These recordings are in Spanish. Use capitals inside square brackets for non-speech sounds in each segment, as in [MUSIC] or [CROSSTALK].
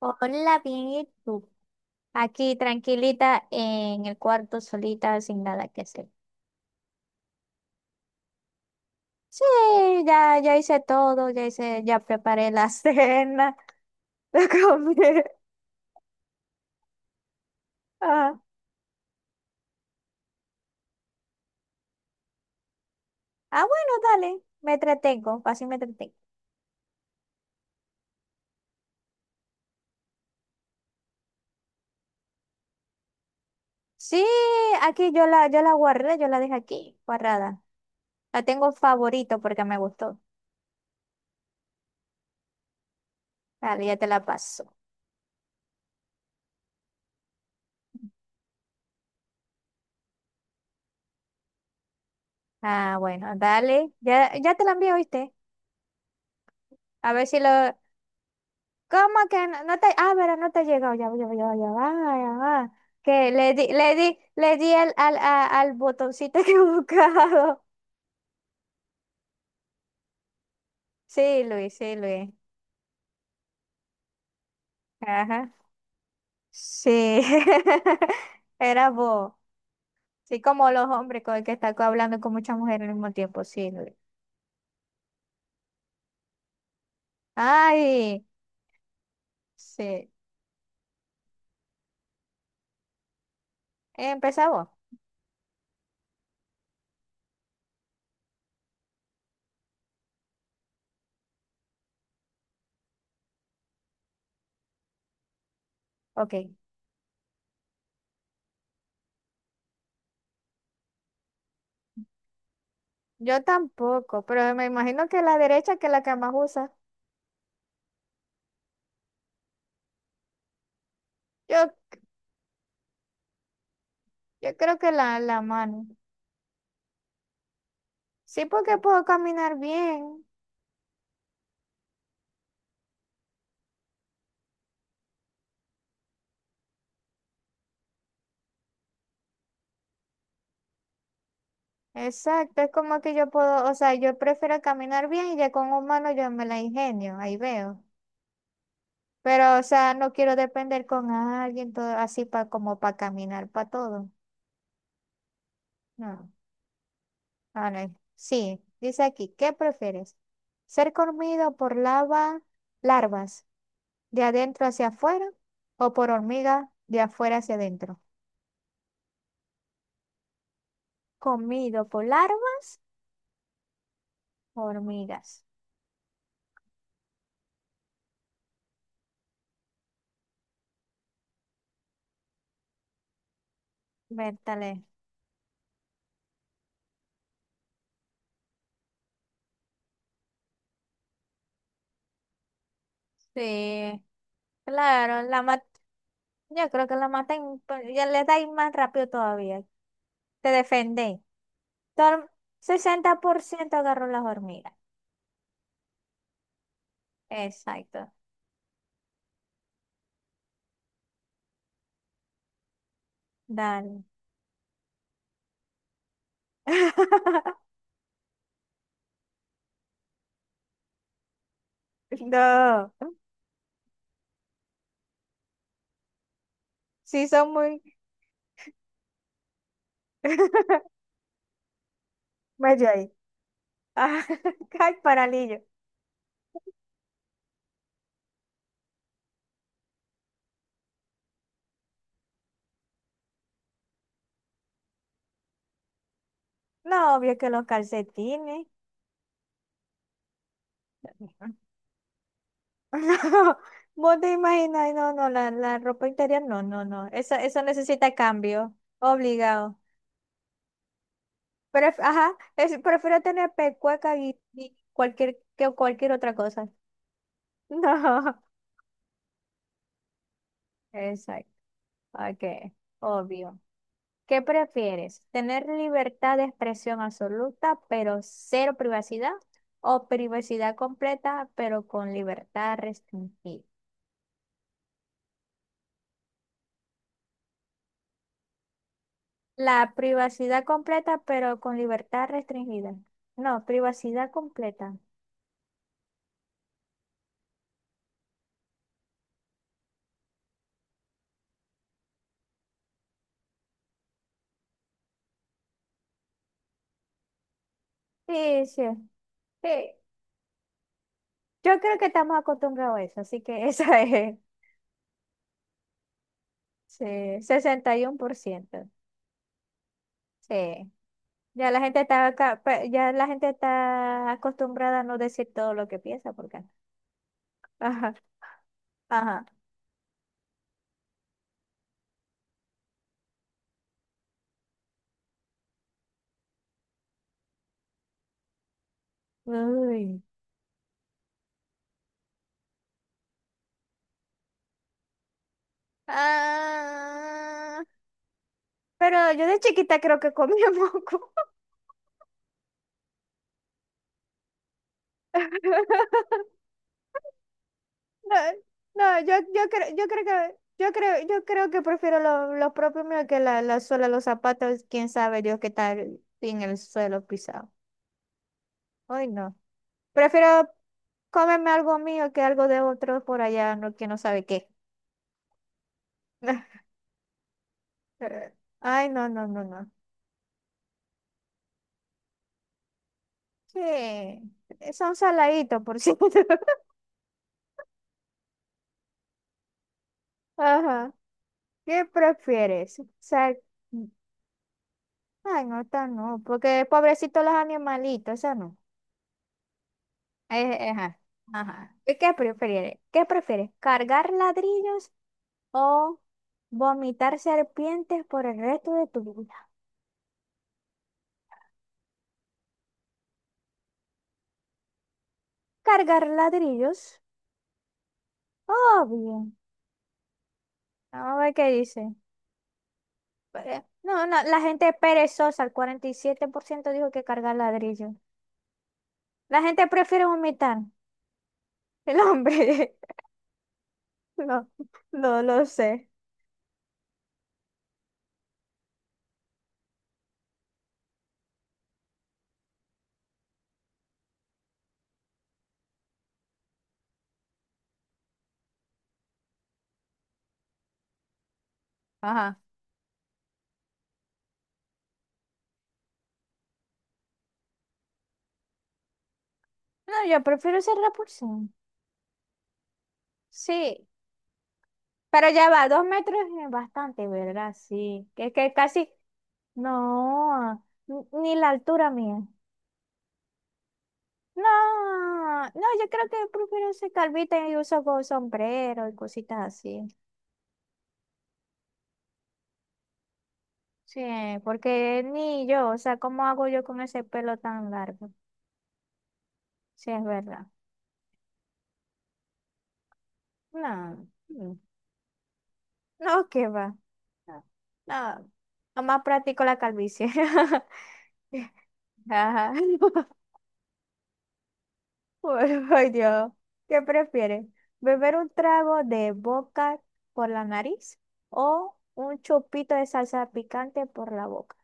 Hola, bien, ¿y tú? Aquí tranquilita en el cuarto, solita, sin nada que hacer. Sí, ya hice todo, ya preparé la [LAUGHS] cena, la comí. Ah, ah, bueno, dale, me entretengo, así me entretengo. Sí, aquí yo la guardé, yo la dejé aquí, guardada. La tengo favorito porque me gustó. Dale, ya te la paso. Ah, bueno, dale, ya te la envío, ¿viste? A ver si lo. ¿Cómo que no, no te, pero no te ha llegado? Ya va, ya va, ya va, ya va, ya va. Que le di al botoncito [LAUGHS] equivocado. Sí, Luis, sí, Luis. Ajá. Sí. [LAUGHS] Era vos. Sí, como los hombres con el que está hablando con muchas mujeres al mismo tiempo. Sí, Luis. Ay, sí. Empezá vos. Ok. Yo tampoco, pero me imagino que la derecha que es la que más usa. Yo, yo creo que la mano. Sí, porque puedo caminar bien. Exacto, es como que yo puedo, o sea, yo prefiero caminar bien y ya con un mano yo me la ingenio, ahí veo. Pero, o sea, no quiero depender con alguien todo así para como para caminar para todo. No. A ver, sí, dice aquí, ¿qué prefieres? ¿Ser comido por larvas de adentro hacia afuera o por hormigas de afuera hacia adentro? Comido por larvas, hormigas. Vértale. Sí, claro, la Yo creo que la matan, pero ya le dais más rápido todavía. Te defendéis. Tor- 60% agarró las hormigas. Exacto. Dale. [LAUGHS] No. Sí, son muy. [LAUGHS] Medio ahí. Ah, [LAUGHS] ay, paralillo. No, obvio que los calcetines. [LAUGHS] No, vos te imaginas, no, no, la ropa interior, no, no, no. Eso necesita cambio. Obligado. Ajá, prefiero tener pecueca y que cualquier otra cosa. [LAUGHS] No, exacto, ok, obvio. ¿Qué prefieres? ¿Tener libertad de expresión absoluta, pero cero privacidad? ¿O privacidad completa, pero con libertad restringida? La privacidad completa, pero con libertad restringida. No, privacidad completa. Sí, sí, sí. Yo creo que estamos acostumbrados a eso, así que [LAUGHS] esa es. Sí, 61%. Sí. Ya la gente está acostumbrada a no decir todo lo que piensa porque ajá, ajá. Uy. Ah, pero yo de chiquita creo que comía moco. [LAUGHS] No, no, yo creo que prefiero los propios míos que la suela, los zapatos, quién sabe Dios qué tal en el suelo pisado. Ay, no. Prefiero cómeme algo mío que algo de otro por allá, no, que no sabe qué. [LAUGHS] Ay, no, no, no, no. Sí, son saladitos, por cierto. [LAUGHS] Ajá. ¿Qué prefieres? Ay, no, esta no, porque pobrecitos los animalitos, eso no. Ajá, ajá. ¿Qué prefieres? ¿Cargar ladrillos o vomitar serpientes por el resto de tu vida? ¿Cargar ladrillos? Obvio. Vamos a ver qué dice. No, no, la gente es perezosa, el 47% dijo que cargar ladrillo. La gente prefiere vomitar. El hombre, [LAUGHS] no, no lo sé. Ajá. No, yo prefiero ser repulsión. Sí, pero ya va, 2 metros es bastante, ¿verdad? Sí, que casi, no, ni la altura mía. No, no, yo creo que prefiero ser calvita y uso sombrero y cositas así. Sí, porque ni yo, o sea, ¿cómo hago yo con ese pelo tan largo? Sí, es verdad. No, no, qué va. No, no, nomás practico la calvicie. [LAUGHS] Ajá. [LAUGHS] Bueno, ay, Dios. ¿Qué prefieres? ¿Beber un trago de boca por la nariz o un chupito de salsa picante por la boca?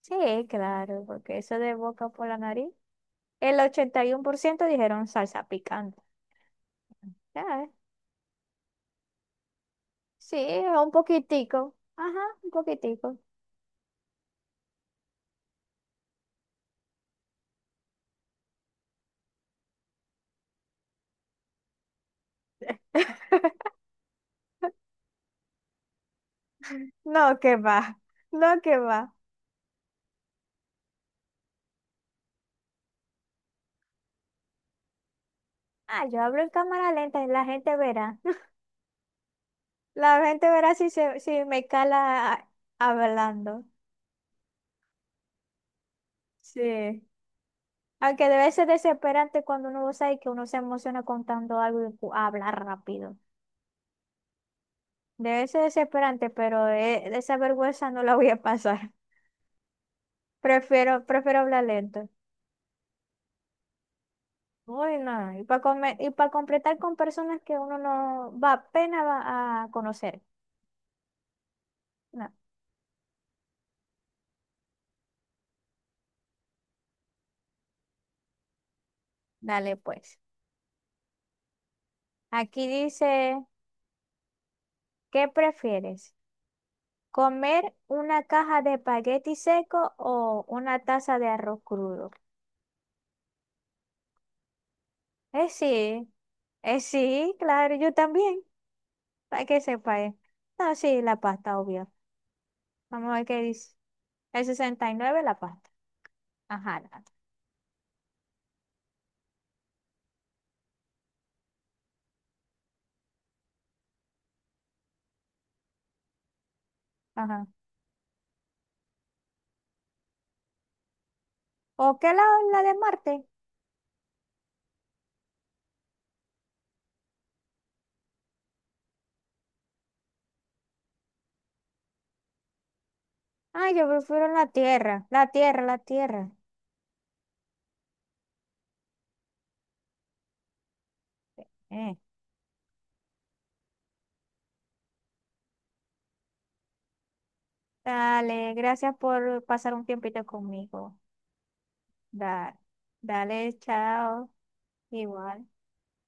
Sí, claro, porque eso de boca por la nariz, el 81% dijeron salsa picante. ya Sí, un poquitico. Ajá, un poquitico. [LAUGHS] No, que va. No, que va. Ah, yo hablo en cámara lenta y la gente verá. [LAUGHS] La gente verá si me cala hablando. Sí. Aunque debe ser desesperante cuando uno lo sabe que uno se emociona contando algo y habla rápido. Debe ser desesperante, pero esa vergüenza no la voy a pasar. [LAUGHS] Prefiero hablar lento. Uy, no. Y para completar con personas que uno no va apenas va a conocer. No, dale pues. Aquí dice, ¿qué prefieres? ¿Comer una caja de espagueti seco o una taza de arroz crudo? Sí, sí, claro, yo también, para que sepa. No, sí, la pasta, obvio. Vamos a ver qué dice. El 69 la pasta. Ajá, ajá. ¿O qué la de Marte? Ah, yo prefiero la tierra, la tierra, la tierra. Eh, Dale, gracias por pasar un tiempito conmigo. Dale, dale, chao. Igual.